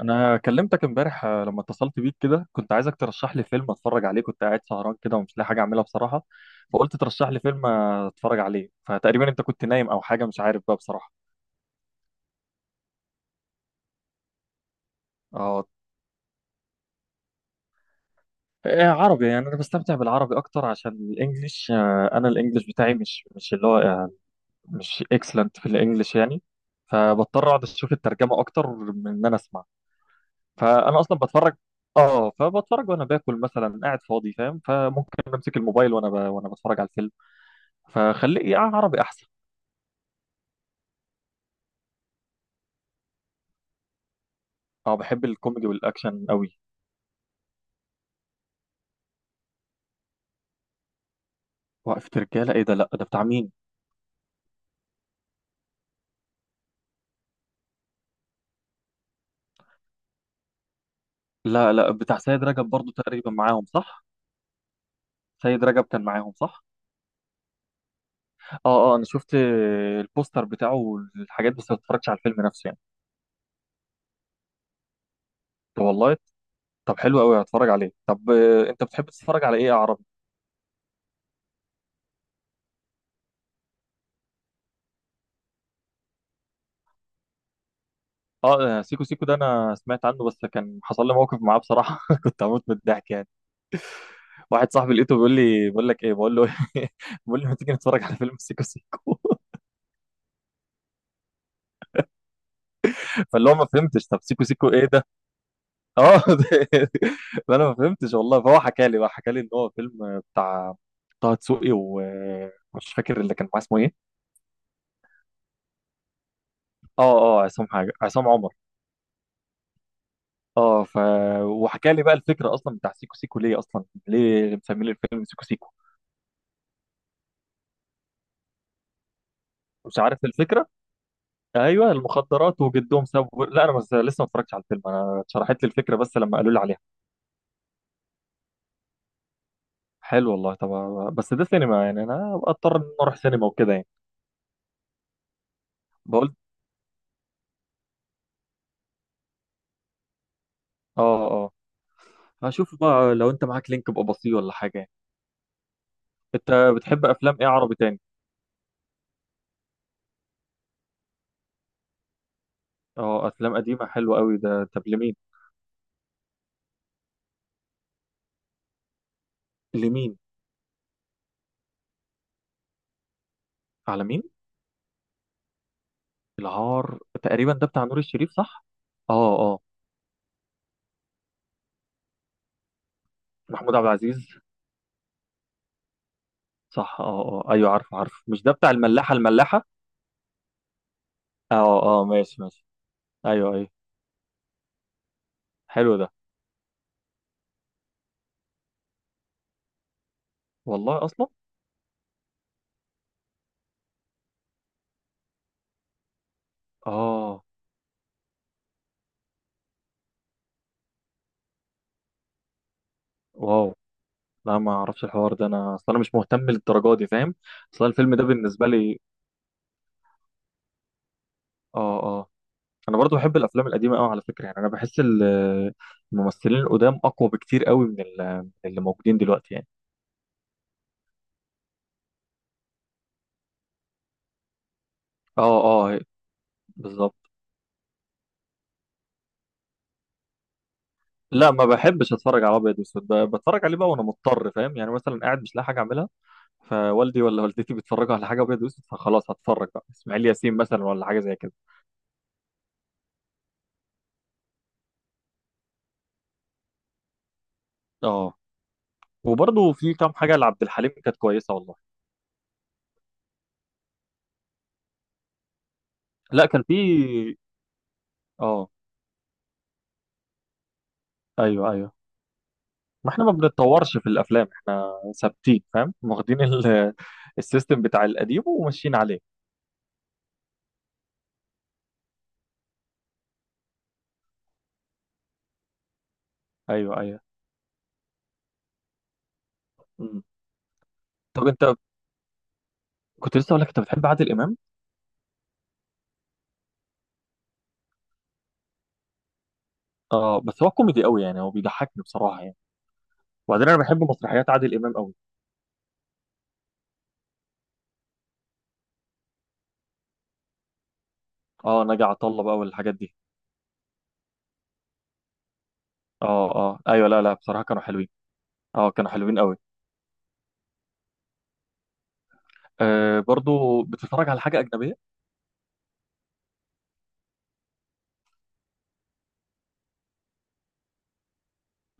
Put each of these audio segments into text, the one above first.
انا كلمتك امبارح لما اتصلت بيك كده، كنت عايزك ترشح لي فيلم اتفرج عليه. كنت قاعد سهران كده ومش لاقي حاجه اعملها بصراحه، فقلت ترشح لي فيلم اتفرج عليه. فتقريبا انت كنت نايم او حاجه، مش عارف بقى بصراحه. اه. إيه، عربي. يعني انا بستمتع بالعربي اكتر، عشان الانجليش انا الانجليش بتاعي مش اللي هو مش اكسلنت في الانجليش يعني. فبضطر اقعد اشوف الترجمه اكتر من ان انا اسمع. فانا اصلا بتفرج. اه، فبتفرج وانا باكل مثلا، قاعد فاضي فاهم، فممكن امسك الموبايل وانا وانا بتفرج على الفيلم. فخليه يا عربي احسن. اه، بحب الكوميدي والاكشن قوي. وقفة رجالة؟ ايه ده، لا ده بتاع مين؟ لا لا، بتاع سيد رجب برضو تقريبا معاهم صح. سيد رجب كان معاهم صح. اه اه، انا شفت البوستر بتاعه والحاجات، بس ما اتفرجتش على الفيلم نفسه يعني. طب والله. طب حلو قوي، هتفرج عليه. طب انت بتحب تتفرج على ايه يا عربي؟ اه. سيكو سيكو ده انا سمعت عنه، بس كان حصل لي موقف معاه بصراحة. كنت هموت من الضحك يعني. واحد صاحبي لقيته بيقول لي، بقول لك ايه، بقول له بقول له ما تيجي نتفرج على فيلم سيكو سيكو. فاللي هو ما فهمتش، طب سيكو سيكو ايه ده؟ اه. ده- فانا ما فهمتش والله. فهو حكى لي بقى، حكى لي ان هو فيلم بتاع طه دسوقي، ومش فاكر اللي كان معاه اسمه ايه؟ اه اه، عصام حاجه، عصام عمر. اه وحكى لي بقى الفكره اصلا بتاع سيكو سيكو ليه اصلا؟ ليه مسمين الفيلم سيكو سيكو؟ مش عارف الفكره. ايوه المخدرات، وجدهم سابوا، لا انا بس لسه ما اتفرجتش على الفيلم. انا اتشرحت لي الفكره بس لما قالوا لي عليها. حلو والله. طب بس ده سينما، يعني انا أبقى اضطر ان أنا اروح سينما وكده يعني. بقول، اه اه، هشوف بقى لو انت معاك لينك ابقى بصيه ولا حاجه يعني. انت بتحب افلام ايه عربي تاني؟ اه، افلام قديمه حلوه قوي ده. طب لمين؟ لمين على مين؟ العار تقريبا ده بتاع نور الشريف صح. اه اه، محمود عبد العزيز صح. اه اه، ايوه، عارف عارف مش ده بتاع الملاحه الملاحه. اه اه، ماشي ماشي. ايوه ايوه. حلو ده. والله اصلا. اه، واو. لا ما اعرفش الحوار ده، انا اصلا انا مش مهتم للدرجه دي فاهم. اصلا الفيلم ده بالنسبه لي. اه انا برضو بحب الافلام القديمه قوي على فكره، يعني انا بحس الممثلين القدام اقوى بكتير قوي من من اللي موجودين دلوقتي يعني. اه اه، بالظبط. لا ما بحبش اتفرج على ابيض واسود، بتفرج عليه بقى وانا مضطر فاهم، يعني مثلا قاعد مش لاقي حاجه اعملها، فوالدي ولا والدتي بيتفرجوا على حاجه ابيض واسود، فخلاص هتفرج بقى اسماعيل ياسين مثلا ولا حاجه زي كده. اه، وبرضو في كام حاجه لعبد الحليم كانت كويسه والله. لا كان في. اه ايوه ايوه. ما احنا ما بنتطورش في الافلام احنا، ثابتين فاهم، واخدين السيستم بتاع القديم وماشيين عليه. ايوه ايوه. مم. طب انت، كنت لسه اقول لك انت بتحب عادل امام. اه بس هو كوميدي قوي، يعني هو بيضحكني بصراحه يعني. وبعدين انا بحب مسرحيات عادل امام قوي. اه، ناجي عطا الله بقى والحاجات دي. اه اه ايوه، لا لا، بصراحه كانوا حلوين. اه كانوا حلوين قوي. آه برضو بتتفرج على حاجه اجنبيه؟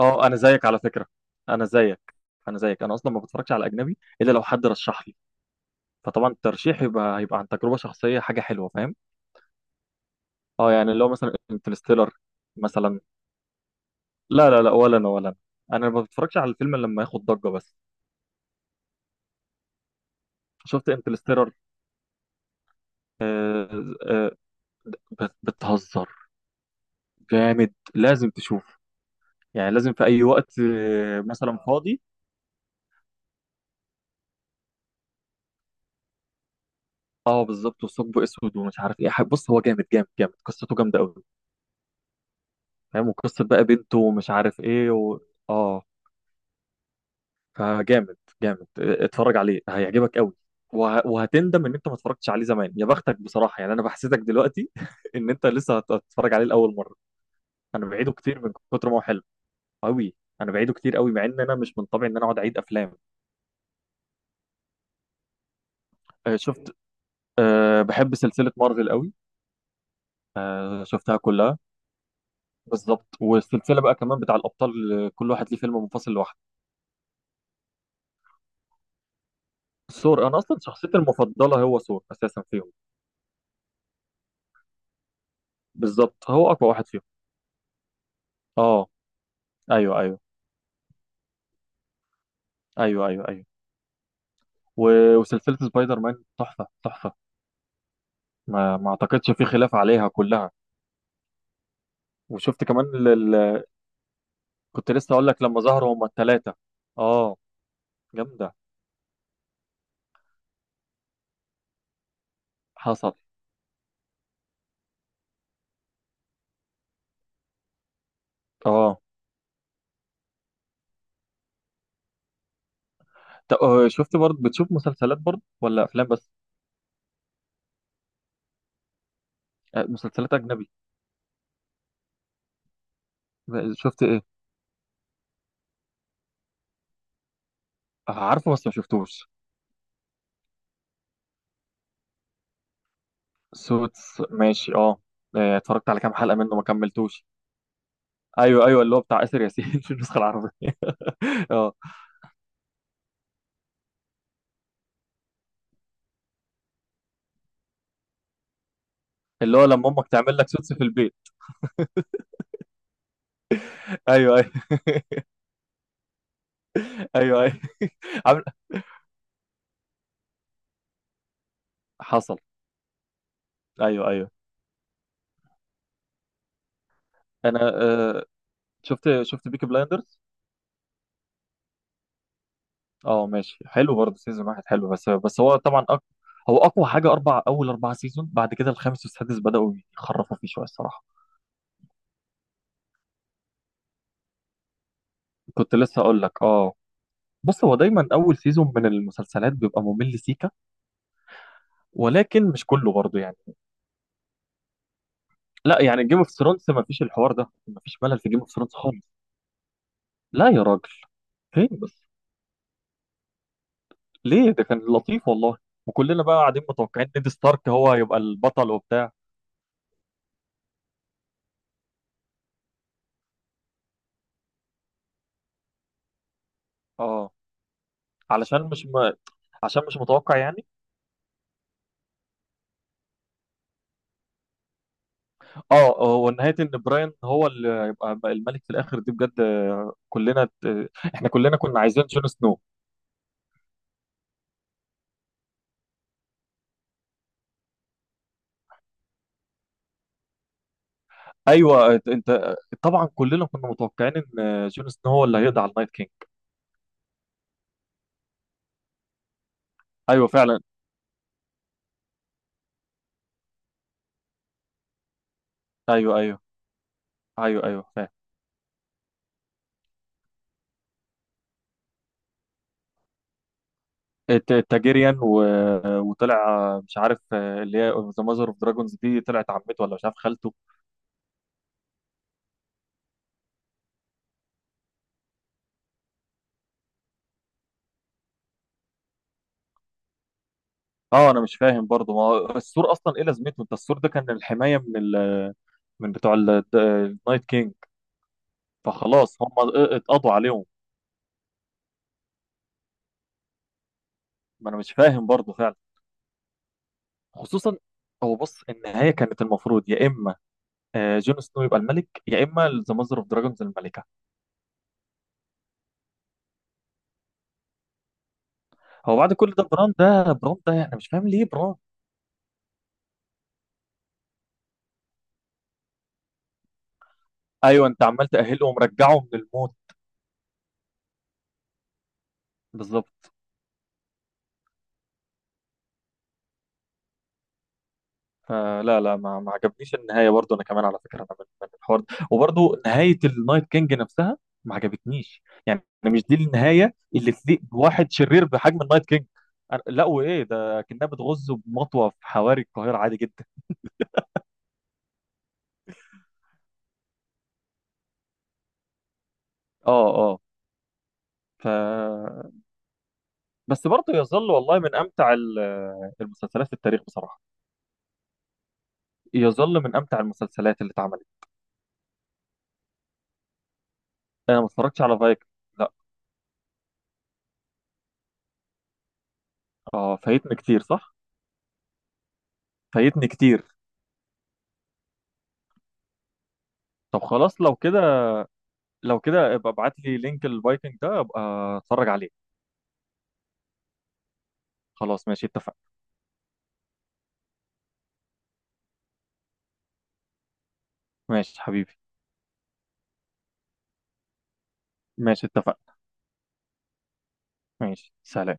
اه انا زيك على فكره، انا زيك، انا اصلا ما بتفرجش على اجنبي الا لو حد رشح لي. فطبعا الترشيح يبقى هيبقى عن تجربه شخصيه حاجه حلوه فاهم. اه يعني، اللي هو مثلا انترستيلر مثلا. لا لا لا، ولا انا ولا انا، انا ما بتفرجش على الفيلم إلا لما ياخد ضجه بس. شفت انترستيلر. بتهزر. جامد، لازم تشوف. يعني لازم في اي وقت مثلا فاضي. اه بالظبط، وثقب اسود ومش عارف ايه. بص هو جامد جامد جامد، قصته جامده قوي. فاهم، وقصه بقى بنته ومش عارف ايه اه فجامد. جامد، اتفرج عليه هيعجبك قوي. وهتندم ان انت ما اتفرجتش عليه زمان. يا بختك بصراحه، يعني انا بحسدك دلوقتي ان انت لسه هتتفرج عليه لاول مره. انا بعيده كتير من كتر ما هو حلو قوي. انا بعيده كتير قوي مع ان انا مش من طبعي ان انا اقعد اعيد افلام. شفت. أه بحب سلسله مارفل قوي. أه شفتها كلها. بالظبط، والسلسله بقى كمان بتاع الابطال كل واحد ليه فيلم منفصل لوحده. ثور انا اصلا شخصيتي المفضله هو ثور اساسا فيهم. بالظبط، هو اقوى واحد فيهم. اه ايوه ايوه ايوه ايوه ايوه. وسلسلة سبايدر مان تحفة تحفة. ما اعتقدش في خلاف عليها كلها. وشفت كمان كنت لسه اقول لك لما ظهروا هما الثلاثة. اه جامدة. حصل. اه شفت برضه بتشوف مسلسلات برضه ولا افلام بس؟ مسلسلات اجنبي. شفت ايه؟ عارفه بس ما شفتوش. سوتس ماشي اه. اتفرجت على كام حلقة منه ما كملتوش. ايوه ايوه، اللي هو بتاع آسر ياسين في النسخة العربية اه، اللي هو لما امك تعمل لك سوتس في البيت. ايوه ايوه ايوه ايوه حصل. ايوه ايوه. انا شفت بيكي بلايندرز. اه ماشي، حلو برضه سيزون واحد حلو، بس هو طبعا هو اقوى حاجه اول اربع سيزون، بعد كده الخامس والسادس بداوا يخرفوا فيه شويه الصراحه. كنت لسه اقول لك اه. بص هو دايما اول سيزون من المسلسلات بيبقى ممل سيكا. ولكن مش كله برضه يعني. لا يعني جيم اوف ثرونز، ما فيش الحوار ده، ما فيش ملل في جيم اوف ثرونز خالص. لا يا راجل، فين بس؟ ليه، ده كان لطيف والله، وكلنا بقى قاعدين متوقعين نيد ستارك هو هيبقى البطل وبتاع. اه علشان مش م... عشان مش متوقع يعني. اه هو نهاية ان براين هو اللي يبقى الملك في الاخر دي بجد. احنا كلنا كنا عايزين جون سنو. ايوه آه، انت آه، طبعا كلنا كنا متوقعين ان جون سنو هو اللي هيقضي على النايت كينج. ايوه فعلا. ايوه ايوه ايوه ايوه فعلا. التاجيريان وطلع مش عارف اللي هي ذا ماذر اوف دراجونز دي طلعت عمته ولا مش عارف خالته. اه انا مش فاهم برضه، ما هو السور اصلا ايه لازمته؟ انت السور ده كان الحمايه من من بتوع النايت كينج، فخلاص هم اتقضوا عليهم. ما انا مش فاهم برضه فعلا. خصوصا. هو بص، النهايه كانت المفروض يا اما جون سنو يبقى الملك، يا اما ذا ماذر اوف دراجونز الملكه. هو بعد كل ده بران ده، انا مش فاهم ليه بران. ايوه، انت عمال تاهله ومرجعه من الموت. بالظبط. لا لا، ما عجبنيش النهايه برضو. انا كمان على فكره، انا من الحوار ده، وبرضو نهايه النايت كينج نفسها ما عجبتنيش، يعني مش دي النهايه اللي تليق بواحد شرير بحجم النايت كينج. لا وايه ده، كانها بتغز بمطوه في حواري القاهره عادي جدا. اه اه ف بس برضه يظل والله من امتع المسلسلات في التاريخ بصراحه. يظل من امتع المسلسلات اللي اتعملت. انا ما اتفرجتش على فايك. لا. اه، فايتني كتير صح. فايتني كتير. طب خلاص، لو كده، ابقى ابعت لي لينك الفايكنج ده، ابقى اتفرج عليه. خلاص ماشي اتفق. ماشي حبيبي. ماشي اتفق. ماشي سلام.